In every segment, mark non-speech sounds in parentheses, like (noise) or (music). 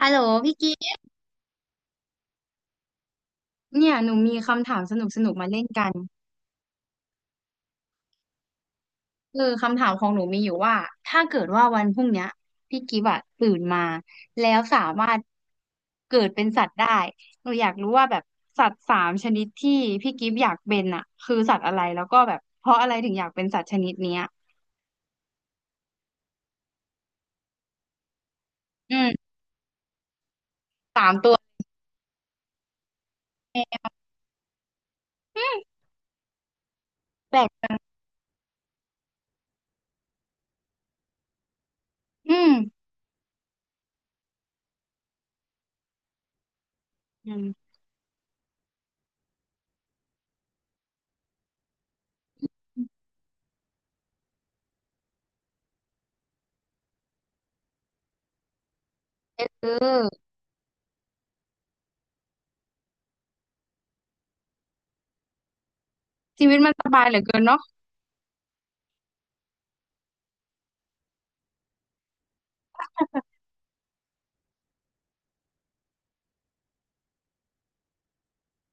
ฮัลโหลพี่กิฟต์เนี่ยหนูมีคำถามสนุกสนุกมาเล่นกันคือคำถามของหนูมีอยู่ว่าถ้าเกิดว่าวันพรุ่งเนี้ยพี่กิฟต์อะตื่นมาแล้วสามารถเกิดเป็นสัตว์ได้หนูอยากรู้ว่าแบบสัตว์สามชนิดที่พี่กิฟต์อยากเป็นอะคือสัตว์อะไรแล้วก็แบบเพราะอะไรถึงอยากเป็นสัตว์ชนิดเนี้ยอืมสามตัวอืมแปลกอืมอืมเออชีวิตมันสบายเหลือเกินเนาะ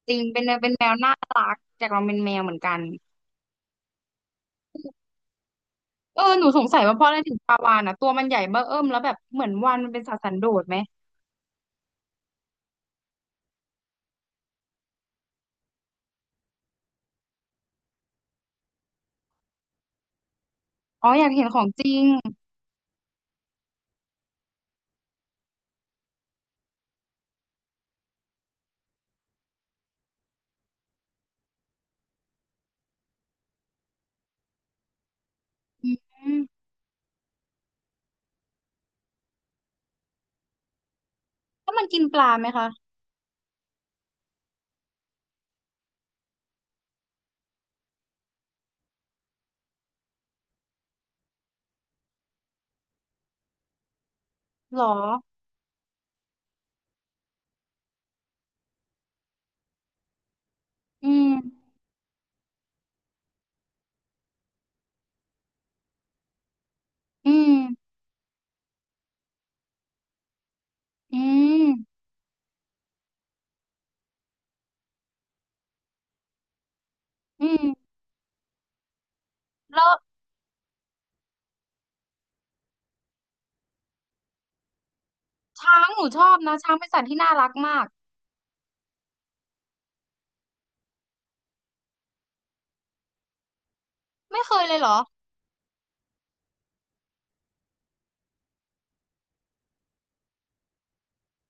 จริงเป็นแมวเป็นแมวน่ารักจากเราเป็นแมวเหมือนกัน เออหนูสงสัยว่าเพราะอะไรถึงปลาวาฬอ่ะตัวมันใหญ่เบ้อเอิ่มแล้วแบบเหมือนวาฬมันเป็นสัตว์สันโดษไหมอ๋ออยากเห็นของจริงอืมแล้วมันกินปลาไหมคะหรออืมอืมอืมอืมแล้วช้างหนูชอบนะช้างเป็นสัตว์ที่น่ารักมากไม่เคยเลยเหรอ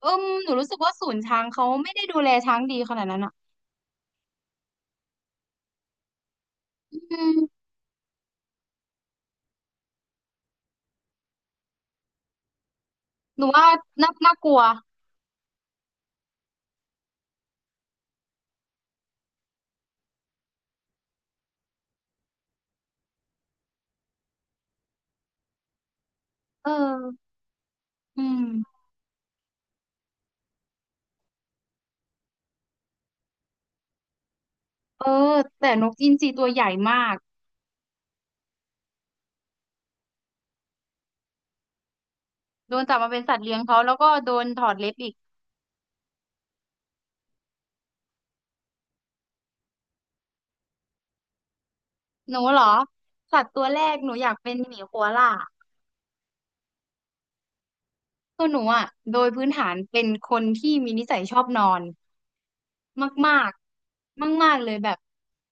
เอิมหนูรู้สึกว่าศูนย์ช้างเขาไม่ได้ดูแลช้างดีขนาดนั้นอ่ะอืมหนูว่าน่ากลัวเอออืมเออแต่นกอินทรีตัวใหญ่มากโดนจับมาเป็นสัตว์เลี้ยงเขาแล้วก็โดนถอดเล็บอีก หนูเหรอสัตว์ตัวแรกหนูอยากเป็นหมีโคอาล่าคือหนูอ่ะโดยพื้นฐานเป็นคนที่มีนิสัยชอบนอน มากๆมากๆเลยแบบ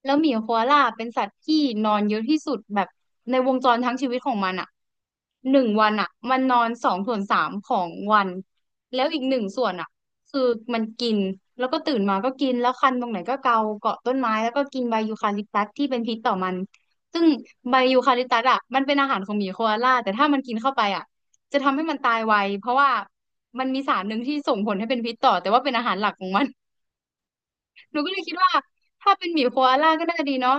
แล้วหมีโคอาล่าเป็นสัตว์ที่นอนเยอะที่สุดแบบในวงจรทั้งชีวิตของมันอ่ะหนึ่งวันอ่ะมันนอนสองส่วนสามของวัน แล้วอีกหนึ่งส่วนอ่ะคือมันกิน แล้วก็ตื่นมาก็กิน แล้วคันตรงไหนก็เกาเกาะต้นไม้แล้วก็กินใบยูคาลิปตัสที่เป็นพิษต่อมัน ซึ่งใบยูคาลิปตัสอ่ะมันเป็นอาหารของหมีโคอาล่าแต่ถ้ามันกินเข้าไปอ่ะจะทำให้มันตายไวเพราะว่ามันมีสารหนึ่งที่ส่งผลให้เป็นพิษต่อแต่ว่าเป็นอาหารหลักของมัน หนูก็เลยคิดว่าถ้าเป็นหมีโคอาล่าก็น่าจะดีเนาะ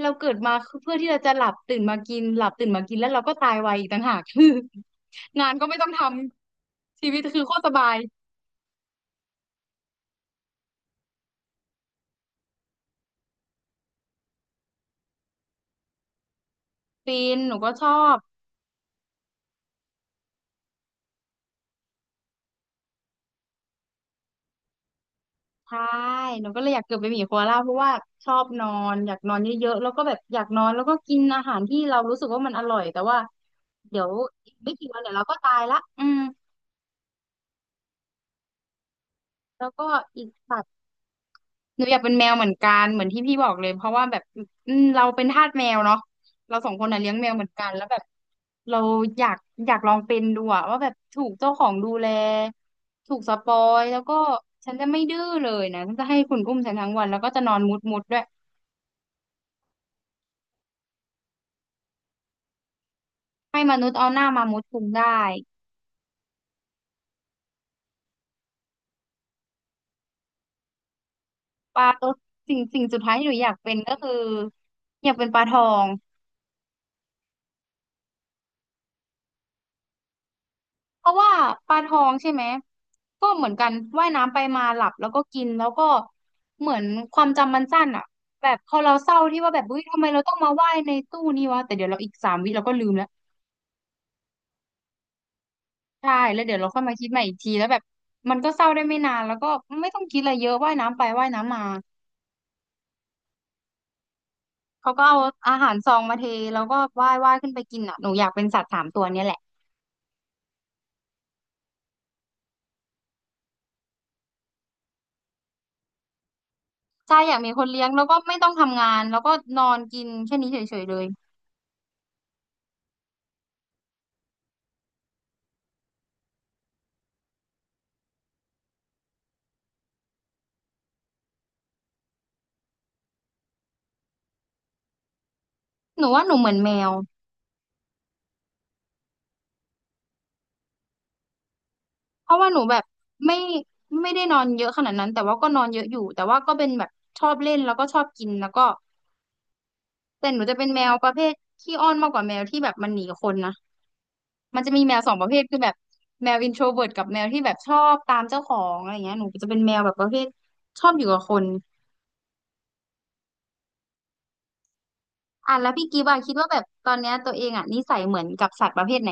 เราเกิดมาเพื่อที่เราจะหลับตื่นมากินหลับตื่นมากินแล้วเราก็ตายไวอีกต่างหาก (laughs) คือ (laughs) งานก็ไม่ต้องทำชีวิตคือโคตรสบายฟินหนูก็ชอบใช่หนูก็เลยอยากเกิดเป็นหมีโคอาล่าเพราะว่าชอบนอนอยากนอนเยอะๆแล้วก็แบบอยากนอนแล้วก็กินอาหารที่เรารู้สึกว่ามันอร่อยแต่ว่าเดี๋ยวอีกไม่กี่วันเดี๋ยวเราก็ตายละอืมแล้วก็อีกสั หนูอยากเป็นแมวเหมือนกันเหมือนที่พี่บอกเลยเพราะว่าแบบอืมเราเป็นทาสแมวเนาะเราสองคนน่ะเลี้ยงแมวเหมือนกันแล้วแบบเราอยากอยากลองเป็นดูอะว่าแบบถูกเจ้าของดูแลถูกสปอยแล้วก็ฉันจะไม่ดื้อเลยนะฉันจะให้คุณอุ้มฉันทั้งวันแล้วก็จะนอนมุดมุดด้วยให้มนุษย์เอาหน้ามามุดคุมได้ปลาตัวสิ่งสิ่งสุดท้ายที่หนูอยากเป็นก็คืออยากเป็นปลาทอง เพราะว่าปลาทองใช่ไหมก็เหมือนกันว่ายน้ำไปมาหลับแล้วก็กินแล้วก็เหมือนความจำมันสั้นอ่ะแบบพอเราเศร้าที่ว่าแบบเฮ้ยทำไมเราต้องมาว่ายในตู้นี้วะแต่เดี๋ยวเราอีกสามวิเราก็ลืมแล้วใช่แล้วเดี๋ยวเราค่อยมาคิดใหม่อีกทีแล้วแบบมันก็เศร้าได้ไม่นานแล้วก็ไม่ต้องคิดอะไรเยอะว่ายน้ำไปว่ายน้ำมา เขาก็เอาอาหารซองมาเทแล้วก็ว่ายว่ายขึ้นไปกินอ่ะหนูอยากเป็นสัตว์สามตัวเนี้ยแหละใช่อยากมีคนเลี้ยงแล้วก็ไม่ต้องทำงานแล้วก็นอนกินแค่นี้เฉยๆเลยหนูว่าหนูเหมือนแมว เพราะว่าหนูแบบไม่ไม่ได้นอนเยอะขนาดนั้นแต่ว่าก็นอนเยอะอยู่แต่ว่าก็เป็นแบบชอบเล่นแล้วก็ชอบกินแล้วก็แต่หนูจะเป็นแมวประเภทขี้อ้อนมากกว่าแมวที่แบบมันหนีคนนะมันจะมีแมวสองประเภทคือแบบแมวอินโทรเวิร์ตกับแมวที่แบบชอบตามเจ้าของอะไรเงี้ยหนูจะเป็นแมวแบบประเภทชอบอยู่กับคนอ่ะแล้วพี่กิฟต์อะคิดว่าแบบตอนเนี้ยตัวเองอะนิสัยเหมือนกับสัตว์ประเภทไหน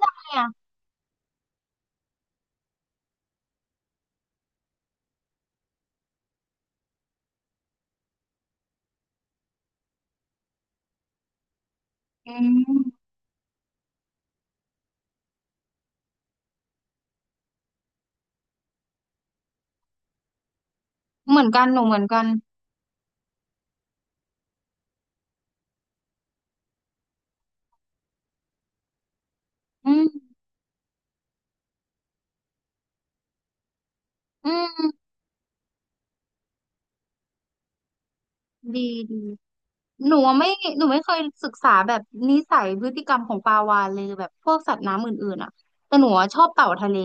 ใช่อะอืมเหมือนกันหนูเหมือนกันอืมอืมดีดี หนูอะไม่หนูไม่เคยศึกษาแบบนิสัยพฤติกรรมของปลาวาฬเลยแบบพวกสัตว์น้ำอื่นๆอ่ะแต่หนูอะชอบเต่าทะเล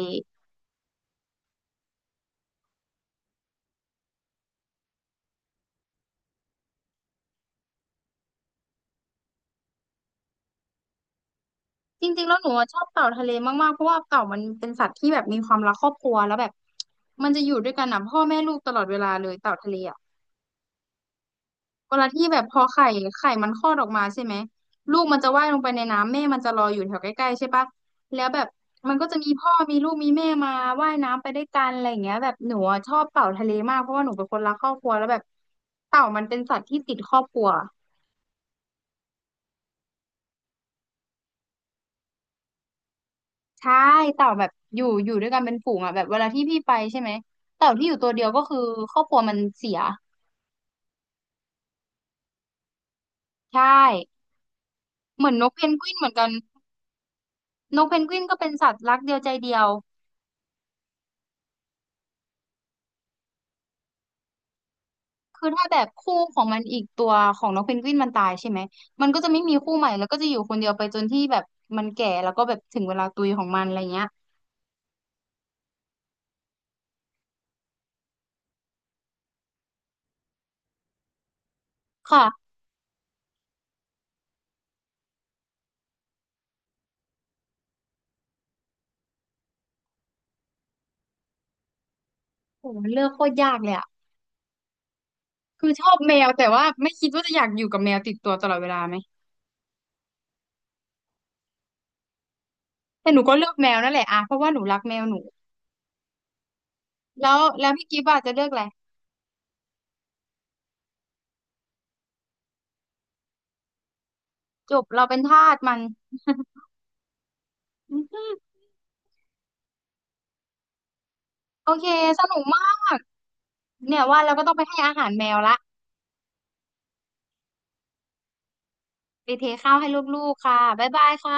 จริงๆแล้วหนูอะชอบเต่าทะเลมากๆเพราะว่าเต่ามันเป็นสัตว์ที่แบบมีความรักครอบครัวแล้วแบบมันจะอยู่ด้วยกันนะพ่อแม่ลูกตลอดเวลาเลยเต่าทะเลอ่ะ เวลาที่แบบพอไข่ไข่มันคลอดออกมาใช่ไหมลูกมันจะว่ายลงไปในน้ำแม่มันจะรออยู่แถวใกล้ๆใช่ปะแล้วแบบมันก็จะมีพ่อมีลูกมีแม่มาว่ายน้ำไปด้วยกันอะไรอย่างเงี้ยแบบหนูอะชอบเต่าทะเลมากเพราะว่าหนูเป็นคนรักครอบครัวแล้วแบบเต่ามันเป็นสัตว์ที่ติดครอบครัวใช่เต่าแบบอยู่อยู่ด้วยกันเป็นฝูงอ่ะแบบเวลาที่พี่ไปใช่ไหมเต่าที่อยู่ตัวเดียวก็คือครอบครัวมันเสียใช่เหมือนนกเพนกวินเหมือนกันนกเพนกวินก็เป็นสัตว์รักเดียวใจเดียว คือถ้าแบบคู่ของมันอีกตัวของน้องเพนกวินมันตายใช่ไหมมันก็จะไม่มีคู่ใหม่แล้วก็จะอยู่คนเดียวไปจนที่แบบมันแก่แล้วก็แบบถึงเวลาตุยของมันอะไรเงี้ยค่ะโหมันเลือกโคตรยากเลยอะคือชอบแมวแต่ว่าไม่คิดว่าจะอยากอยู่กับแมวติดตัวตลอดเวลาไหมแต่หนูก็เลือกแมวนั่นแหละอะเพราะว่าหนูรักแมวหนูแล้วแล้วพี่กิฟต์อะจะเลือกอะไรจบเราเป็นทาสมัน (laughs) โอเคสนุกมากเนี่ยว่าเราก็ต้องไปให้อาหารแมวละไปเทข้าวให้ลูกๆค่ะบ๊ายบายค่ะ